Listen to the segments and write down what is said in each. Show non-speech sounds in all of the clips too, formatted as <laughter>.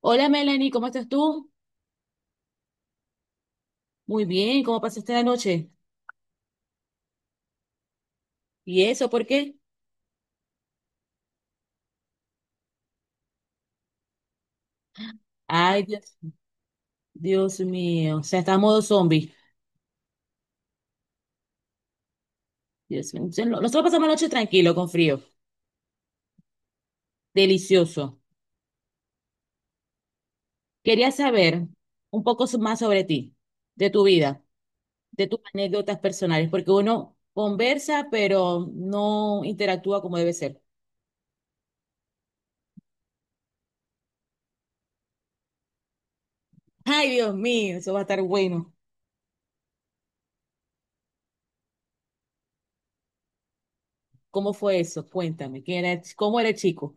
Hola Melanie, ¿cómo estás tú? Muy bien, ¿cómo pasaste la noche? ¿Y eso por qué? Ay, Dios, Dios mío, o sea, está a modo zombie. Dios mío. Entonces, nosotros pasamos la noche tranquilo, con frío, delicioso. Quería saber un poco más sobre ti, de tu vida, de tus anécdotas personales, porque uno conversa, pero no interactúa como debe ser. Ay, Dios mío, eso va a estar bueno. ¿Cómo fue eso? Cuéntame, ¿quién era, el cómo era el chico?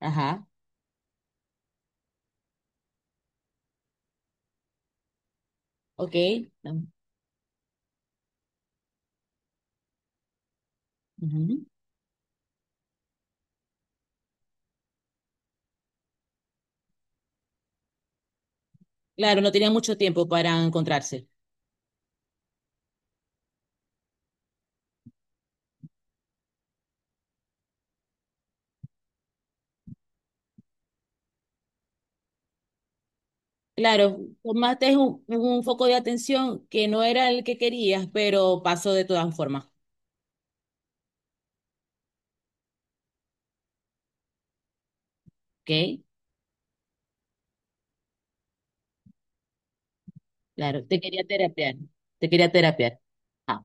Ajá, ok. Ujú. Claro, no tenía mucho tiempo para encontrarse. Claro, tomaste un foco de atención que no era el que querías, pero pasó de todas formas. ¿Ok? Claro, te quería terapiar. Te quería terapiar. Ah,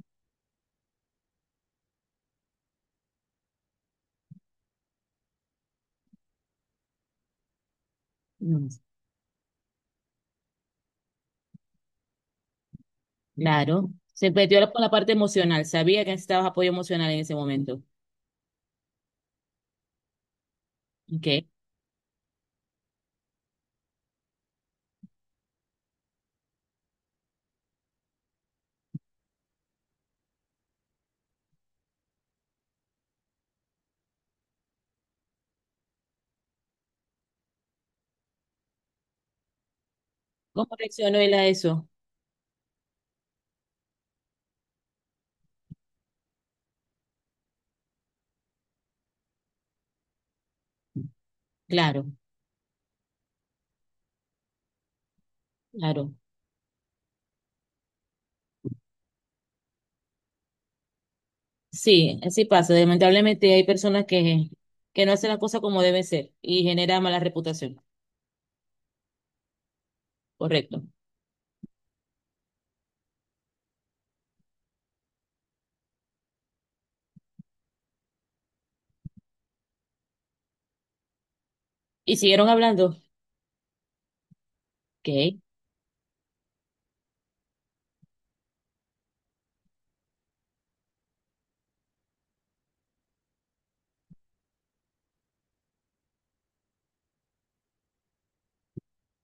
mm, claro. Se metió con la parte emocional. Sabía que necesitabas apoyo emocional en ese momento. ¿Ok? ¿Cómo reaccionó él a eso? Claro, claro. Sí, así pasa. Lamentablemente hay que no hacen las cosas como deben ser y genera mala reputación. Correcto. Y siguieron hablando. Ok,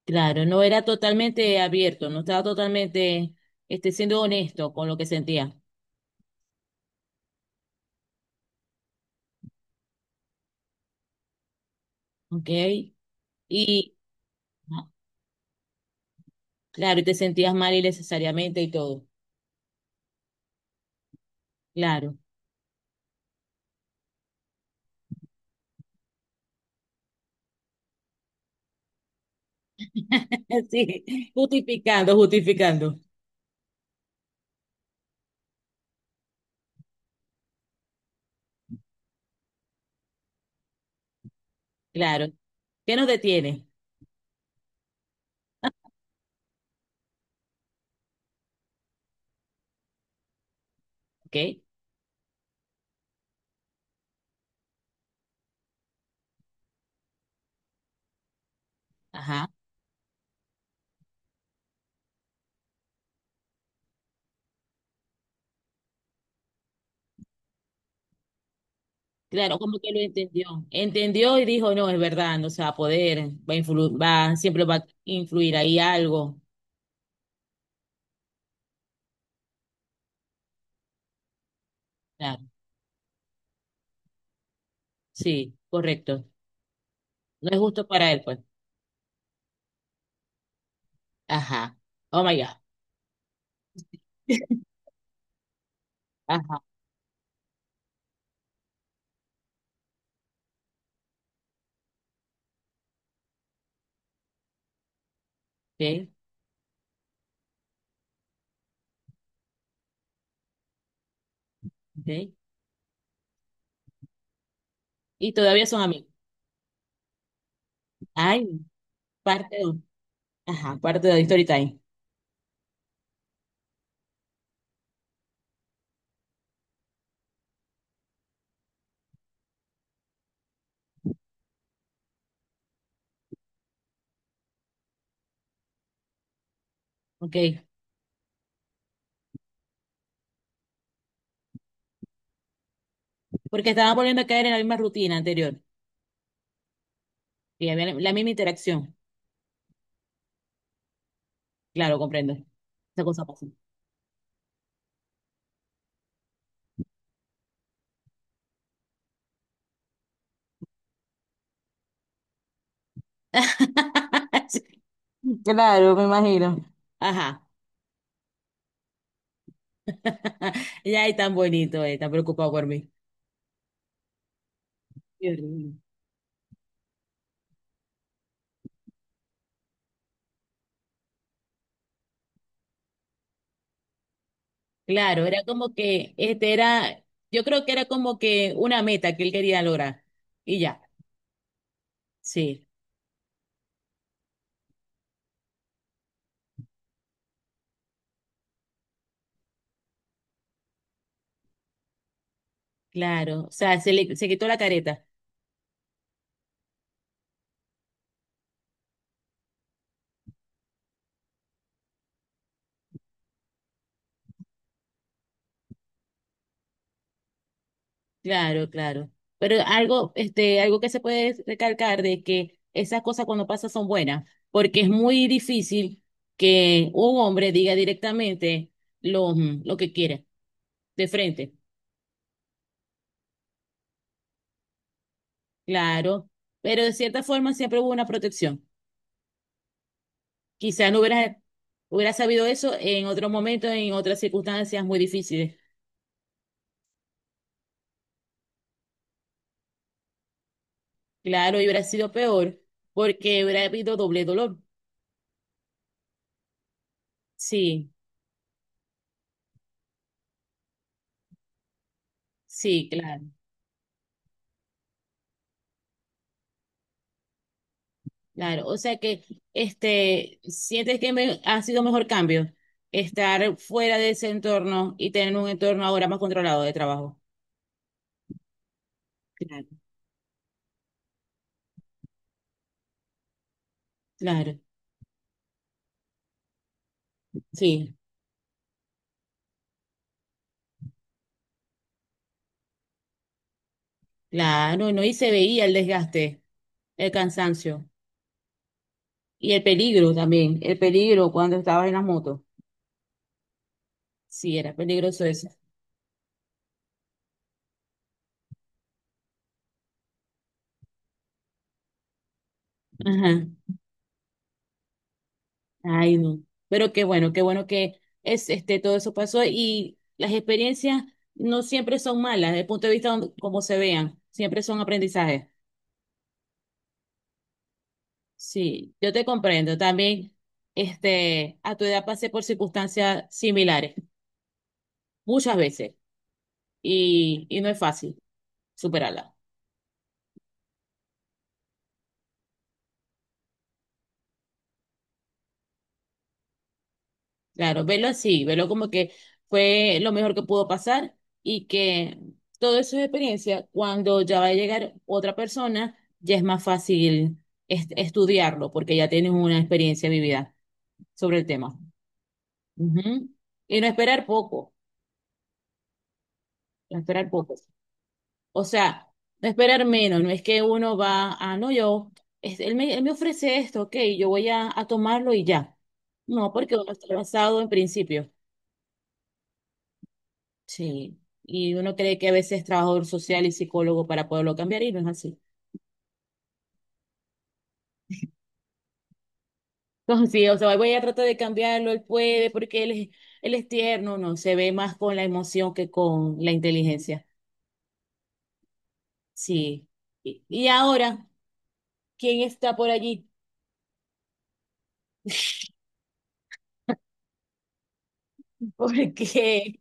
claro, no era totalmente abierto, no estaba totalmente siendo honesto con lo que sentía. Ok, y ah, claro, y te sentías mal innecesariamente y todo. Claro, <laughs> sí, justificando, justificando. Claro, ¿qué nos detiene? Ok, ajá, claro, como que lo entendió. Entendió y dijo, no, es verdad, no se va a poder, va a va, siempre va a influir ahí algo. Claro, sí, correcto. No es justo para él, pues. Ajá, oh my God. Ajá, ok, ok. Y todavía son amigos. Ay, parte dos. Ajá, parte de Story Time. Ok. Porque estaba volviendo a caer en la misma rutina anterior. Y había la misma interacción. Claro, comprendo. Esa cosa pasa. <laughs> Claro, me imagino. Ajá. <laughs> Ya es tan bonito, tan preocupado por mí. Qué horrible. Claro, era como yo creo que era como que una meta que él quería lograr. Y ya, sí, claro. O sea, se quitó la careta. Claro, claro. Pero algo, algo que se puede recalcar de que esas cosas cuando pasan son buenas, porque es muy difícil que un hombre diga directamente lo, lo que quiere, de frente, claro. Pero de cierta forma siempre hubo una protección. Quizás no hubieras sabido eso en otro momento, en otras circunstancias muy difíciles. Claro, y hubiera sido peor, porque hubiera habido doble dolor. Sí, sí, claro. Claro, o sea que sientes que ha sido mejor cambio estar fuera de ese entorno y tener un entorno ahora más controlado de trabajo. Claro. Claro, sí, claro, no, y se veía el desgaste, el cansancio y el peligro también, el peligro cuando estabas en las motos. Sí, era peligroso eso. Ajá. Ay, no. Pero qué bueno que todo eso pasó y las experiencias no siempre son malas, desde el punto de vista como se vean, siempre son aprendizajes. Sí, yo te comprendo. También, a tu edad pasé por circunstancias similares, muchas veces, y no es fácil superarlas. Claro, velo así, velo como que fue lo mejor que pudo pasar y que todo eso es experiencia, cuando ya va a llegar otra persona, ya es más fácil estudiarlo porque ya tienes una experiencia vivida sobre el tema. Ujú. Y no esperar poco, no esperar poco. O sea, no esperar menos, no es que uno va a, no, yo, él me ofrece esto, ok, yo voy a tomarlo y ya. No, porque uno está basado en principios. Sí, y uno cree que a veces es trabajador social y psicólogo para poderlo cambiar y no es así. <laughs> Entonces, sí, o sea, voy a tratar de cambiarlo, él puede, porque él es tierno, no, se ve más con la emoción que con la inteligencia. Sí. Y ahora, ¿quién está por allí? ¿Por qué?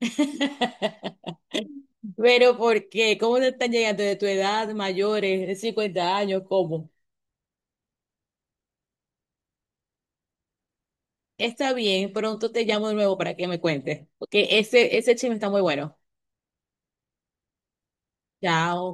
<laughs> Pero ¿por qué? ¿Cómo te están llegando de tu edad, mayores, de 50 años? ¿Cómo? Está bien, pronto te llamo de nuevo para que me cuentes, porque ese chisme está muy bueno. Chao.